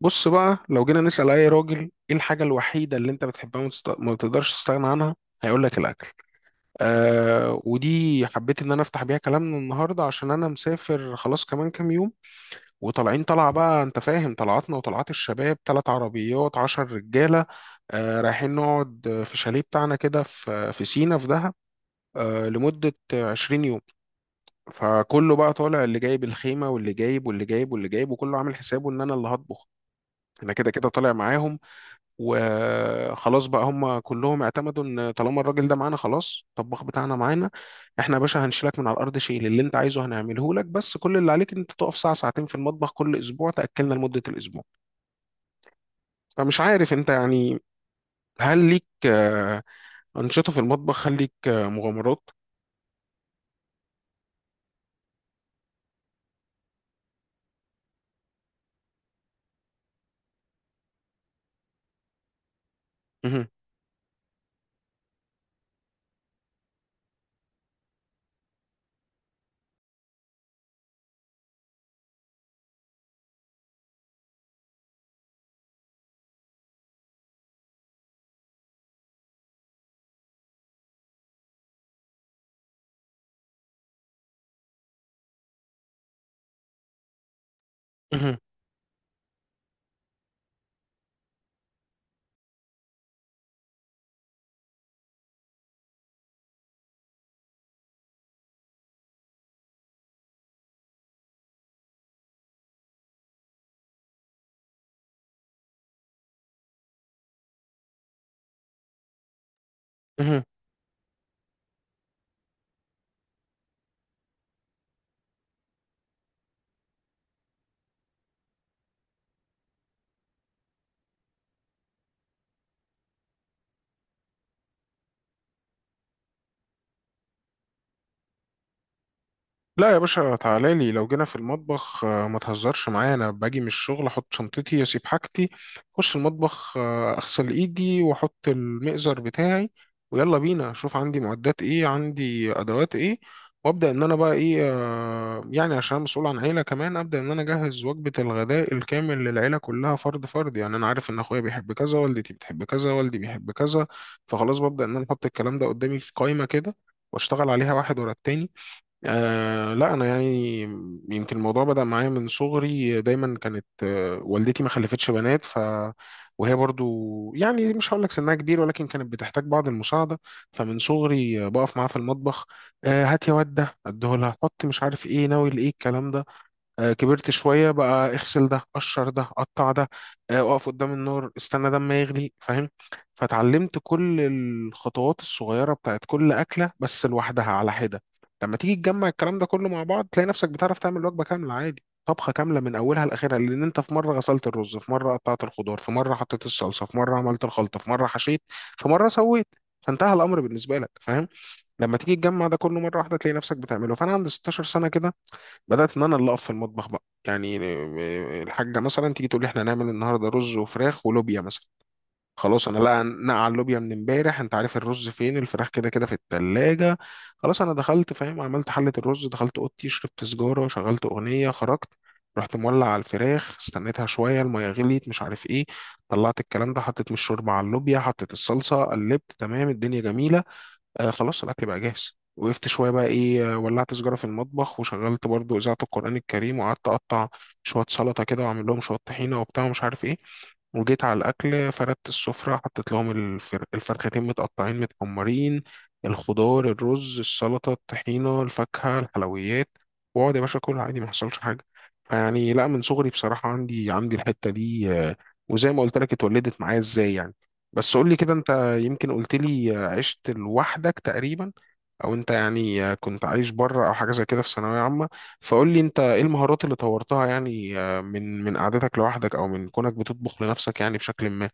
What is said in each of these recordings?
بص بقى، لو جينا نسأل أي راجل إيه الحاجة الوحيدة اللي أنت بتحبها وما تقدرش تستغنى عنها، هيقول لك الأكل. آه، ودي حبيت إن أنا أفتح بيها كلامنا النهاردة عشان أنا مسافر خلاص كمان كام يوم. وطالعين طلعة بقى، أنت فاهم طلعاتنا وطلعات الشباب، تلات عربيات عشر رجالة. آه، رايحين نقعد، في الشاليه بتاعنا كده، في سينا في دهب. آه، لمدة 20 يوم. فكله بقى طالع، اللي جايب الخيمة واللي جايب واللي جايب واللي جايب، وكله عامل حسابه إن أنا اللي هطبخ. أنا كده كده طالع معاهم. وخلاص بقى هم كلهم اعتمدوا ان طالما الراجل ده معانا خلاص، الطباخ بتاعنا معانا. احنا يا باشا هنشيلك من على الارض، شيل اللي انت عايزه هنعمله لك، بس كل اللي عليك ان انت تقف ساعه ساعتين في المطبخ كل اسبوع تاكلنا لمده الاسبوع. فمش عارف انت يعني، هل ليك انشطه في المطبخ؟ هل ليك مغامرات؟ مهم. مهم. لا يا باشا، تعالى لي. لو جينا في المطبخ ما تهزرش معايا، انا باجي من الشغل احط شنطتي اسيب حاجتي اخش المطبخ، اغسل ايدي واحط المئزر بتاعي، ويلا بينا اشوف عندي معدات ايه عندي ادوات ايه. وابدا ان انا بقى ايه، يعني عشان أنا مسؤول عن عيله كمان ابدا ان انا اجهز وجبه الغداء الكامل للعيله كلها فرد فرد. يعني انا عارف ان اخويا بيحب كذا، والدتي بتحب كذا، والدي بيحب كذا. فخلاص ببدا ان انا احط الكلام ده قدامي في قائمه كده واشتغل عليها واحد ورا التاني. آه لا، انا يعني يمكن الموضوع بدأ معايا من صغري. دايما كانت والدتي ما خلفتش بنات، ف وهي برضو يعني مش هقول لك سنها كبير، ولكن كانت بتحتاج بعض المساعده. فمن صغري بقف معاها في المطبخ. آه، هات يا واد ده اديه لها حط مش عارف ايه ناوي لايه الكلام ده. كبرت شوية بقى، اغسل ده قشر ده قطع ده. اقف قدام النور استنى ده ما يغلي فاهم. فتعلمت كل الخطوات الصغيرة بتاعت كل أكلة بس لوحدها على حدة. لما تيجي تجمع الكلام ده كله مع بعض تلاقي نفسك بتعرف تعمل وجبة كاملة عادي، طبخة كاملة من أولها لآخرها، لأن أنت في مرة غسلت الرز، في مرة قطعت الخضار، في مرة حطيت الصلصة، في مرة عملت الخلطة، في مرة حشيت، في مرة سويت. فانتهى الأمر بالنسبة لك فاهم. لما تيجي تجمع ده كله مرة واحدة تلاقي نفسك بتعمله. فأنا عند 16 سنة كده بدات ان انا اللي اقف في المطبخ بقى، يعني الحاجه مثلا تيجي تقول لي احنا هنعمل النهارده رز وفراخ ولوبيا مثلا، خلاص انا لا نقع اللوبيا من امبارح، انت عارف الرز فين الفراخ كده كده في التلاجة. خلاص انا دخلت فاهم، عملت حله الرز، دخلت اوضتي شربت سجاره شغلت اغنيه خرجت، رحت مولع على الفراخ استنيتها شويه الميه غليت مش عارف ايه، طلعت الكلام ده حطيت من الشوربه على اللوبيا، حطيت الصلصه قلبت تمام الدنيا جميله. آه خلاص الاكل بقى جاهز. وقفت شويه بقى ايه، ولعت سجاره في المطبخ وشغلت برضو اذاعه القران الكريم وقعدت اقطع شويه سلطه كده واعمل لهم شويه طحينه وبتاع ومش عارف ايه. وجيت على الاكل فردت السفره، حطيت لهم الفرختين متقطعين متحمرين، الخضار الرز السلطه الطحينه الفاكهه الحلويات، واقعد يا باشا كل عادي ما حصلش حاجه. فيعني لا، من صغري بصراحه عندي الحته دي وزي ما قلت لك اتولدت معايا. ازاي يعني؟ بس قول لي كده انت، يمكن قلت لي عشت لوحدك تقريبا، او انت يعني كنت عايش بره او حاجه زي كده في ثانويه عامه، فقول لي انت ايه المهارات اللي طورتها يعني من قعدتك لوحدك او من كونك بتطبخ لنفسك يعني بشكل ما.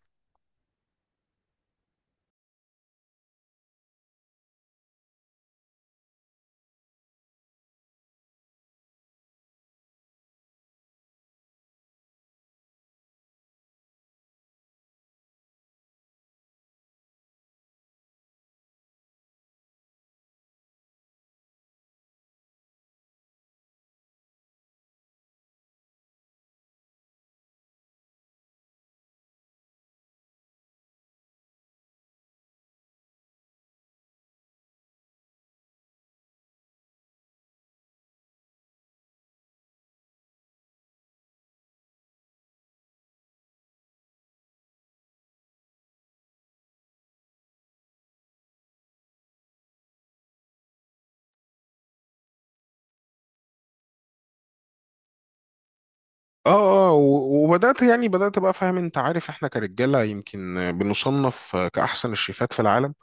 اه اه وبدات يعني بدات بقى، فاهم انت، عارف احنا كرجاله يمكن بنصنف كاحسن الشيفات في العالم.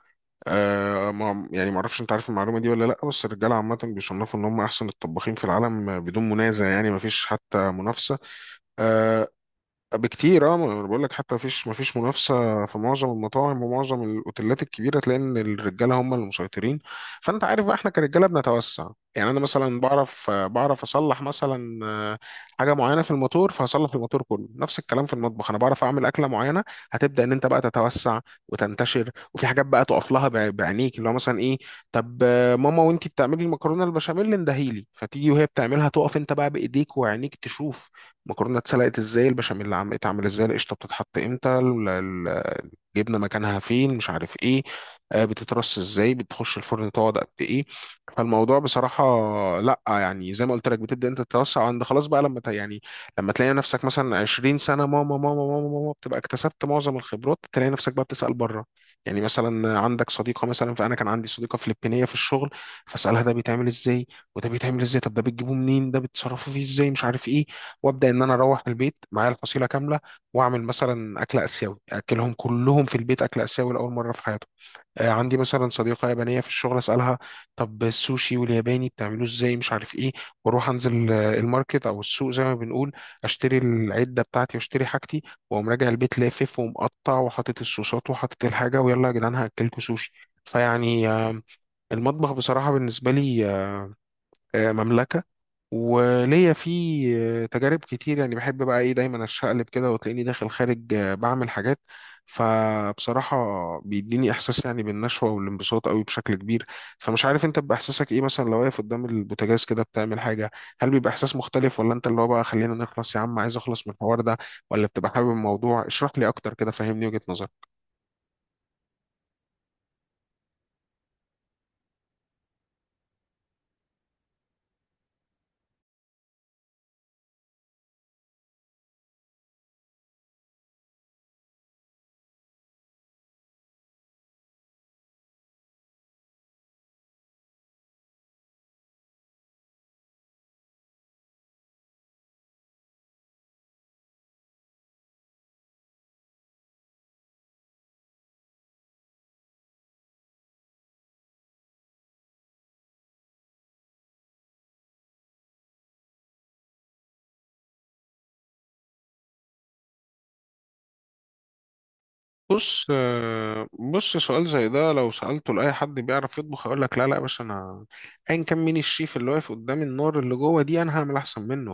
آه، ما يعني ما اعرفش انت عارف المعلومه دي ولا لا، بس الرجاله عامه بيصنفوا ان هم احسن الطباخين في العالم بدون منازع، يعني ما فيش حتى منافسه. آه، بكتير. اه، ما انا بقول لك حتى مفيش منافسه، في معظم المطاعم ومعظم الاوتيلات الكبيره تلاقي ان الرجاله هم اللي مسيطرين. فانت عارف بقى احنا كرجاله بنتوسع. يعني انا مثلا بعرف اصلح مثلا حاجه معينه في الموتور فهصلح الموتور كله، نفس الكلام في المطبخ. انا بعرف اعمل اكله معينه، هتبدا ان انت بقى تتوسع وتنتشر، وفي حاجات بقى تقف لها بعينيك، اللي هو مثلا ايه؟ طب ماما وانتي بتعملي المكرونه البشاميل اندهيلي، فتيجي وهي بتعملها تقف انت بقى بايديك وعينيك تشوف المكرونه اتسلقت ازاي، البشاميل عم اتعمل ازاي، القشطه بتتحط امتى، جبنا مكانها فين مش عارف ايه، بتترص ازاي، بتخش الفرن تقعد قد ايه. فالموضوع بصراحة لا، يعني زي ما قلت لك بتبدأ انت تتوسع، عند خلاص بقى لما يعني لما تلاقي نفسك مثلا 20 سنة ماما ماما ماما ماما، بتبقى اكتسبت معظم الخبرات، تلاقي نفسك بقى بتسأل بره. يعني مثلا عندك صديقة مثلا، فأنا كان عندي صديقة فلبينية في الشغل، فأسألها ده بيتعمل ازاي وده بيتعمل ازاي، طب ده بتجيبوه منين، ده بتصرفوا فيه ازاي مش عارف ايه. وابدا ان انا اروح البيت معايا الفصيله كامله، واعمل مثلا اكل اسيوي، اكلهم كلهم في البيت اكل اسيوي لاول مره في حياتهم. عندي مثلا صديقه يابانيه في الشغل، اسالها طب السوشي والياباني بتعملوه ازاي مش عارف ايه، واروح انزل الماركت او السوق زي ما بنقول، اشتري العده بتاعتي واشتري حاجتي، واقوم راجع البيت لافف ومقطع وحاطط الصوصات وحاطط الحاجه، ويلا يا جدعان هاكلكوا سوشي. فيعني المطبخ بصراحه بالنسبه لي مملكه. وليا في تجارب كتير، يعني بحب بقى ايه دايما اشقلب كده، وتلاقيني داخل خارج بعمل حاجات. فبصراحة بيديني احساس يعني بالنشوة والانبساط قوي بشكل كبير. فمش عارف انت، بيبقى احساسك ايه مثلا لو واقف قدام البوتاجاز كده بتعمل حاجة، هل بيبقى احساس مختلف، ولا انت اللي هو بقى خلينا نخلص يا عم عايز اخلص من الحوار ده، ولا بتبقى حابب الموضوع؟ اشرح لي اكتر كده، فهمني وجهة نظرك. بص، سؤال زي ده لو سألته لأي حد بيعرف يطبخ هيقول لك لا لا يا باشا، أنا أيا كان مين الشيف اللي واقف قدام النار اللي جوه دي، أنا هعمل أحسن منه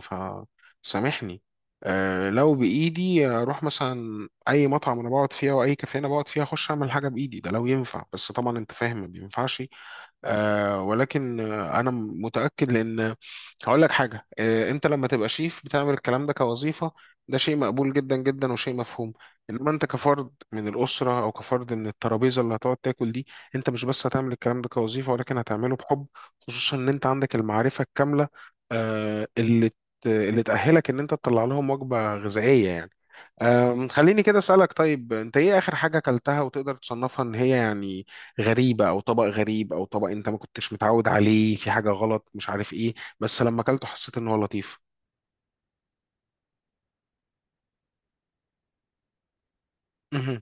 فسامحني. أه، لو بإيدي أروح مثلا أي مطعم أنا بقعد فيها وأي كافيه أنا بقعد فيها أخش أعمل حاجة بإيدي، ده لو ينفع، بس طبعا أنت فاهم ما بينفعش. آه، ولكن انا متاكد، لان هقول لك حاجه، انت لما تبقى شيف بتعمل الكلام ده كوظيفه، ده شيء مقبول جدا جدا وشيء مفهوم، انما انت كفرد من الأسرة أو كفرد من الترابيزة اللي هتقعد تاكل دي، أنت مش بس هتعمل الكلام ده كوظيفة ولكن هتعمله بحب، خصوصا إن أنت عندك المعرفة الكاملة اللي اللي تأهلك إن أنت تطلع لهم وجبة غذائية يعني. خليني كده أسألك، طيب أنت إيه آخر حاجة أكلتها وتقدر تصنفها إن هي يعني غريبة، أو طبق غريب، أو طبق أنت ما كنتش متعود عليه في حاجة غلط مش عارف إيه، بس لما أكلته حسيت إن هو لطيف؟ مهم.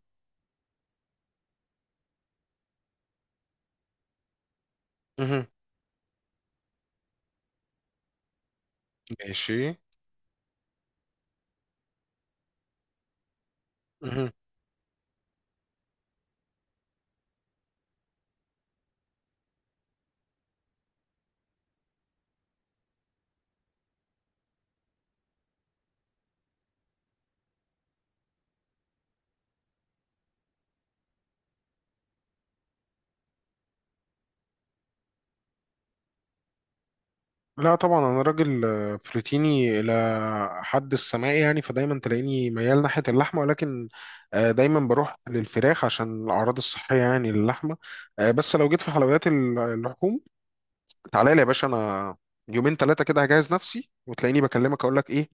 مهم. ماشي. مهم. لا طبعا، انا راجل بروتيني الى حد السماء يعني، فدايما تلاقيني ميال ناحيه اللحمه، ولكن دايما بروح للفراخ عشان الاعراض الصحيه يعني للحمه. بس لو جيت في حلويات اللحوم، تعالى لي يا باشا. انا يومين ثلاثه كده هجهز نفسي وتلاقيني بكلمك اقول لك ايه،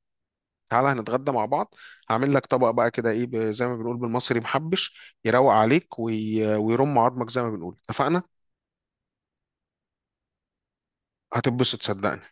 تعالى هنتغدى مع بعض، هعمل لك طبق بقى كده ايه، زي ما بنقول بالمصري محبش يروق عليك ويرم عظمك زي ما بنقول، اتفقنا؟ هتتبسط صدقني.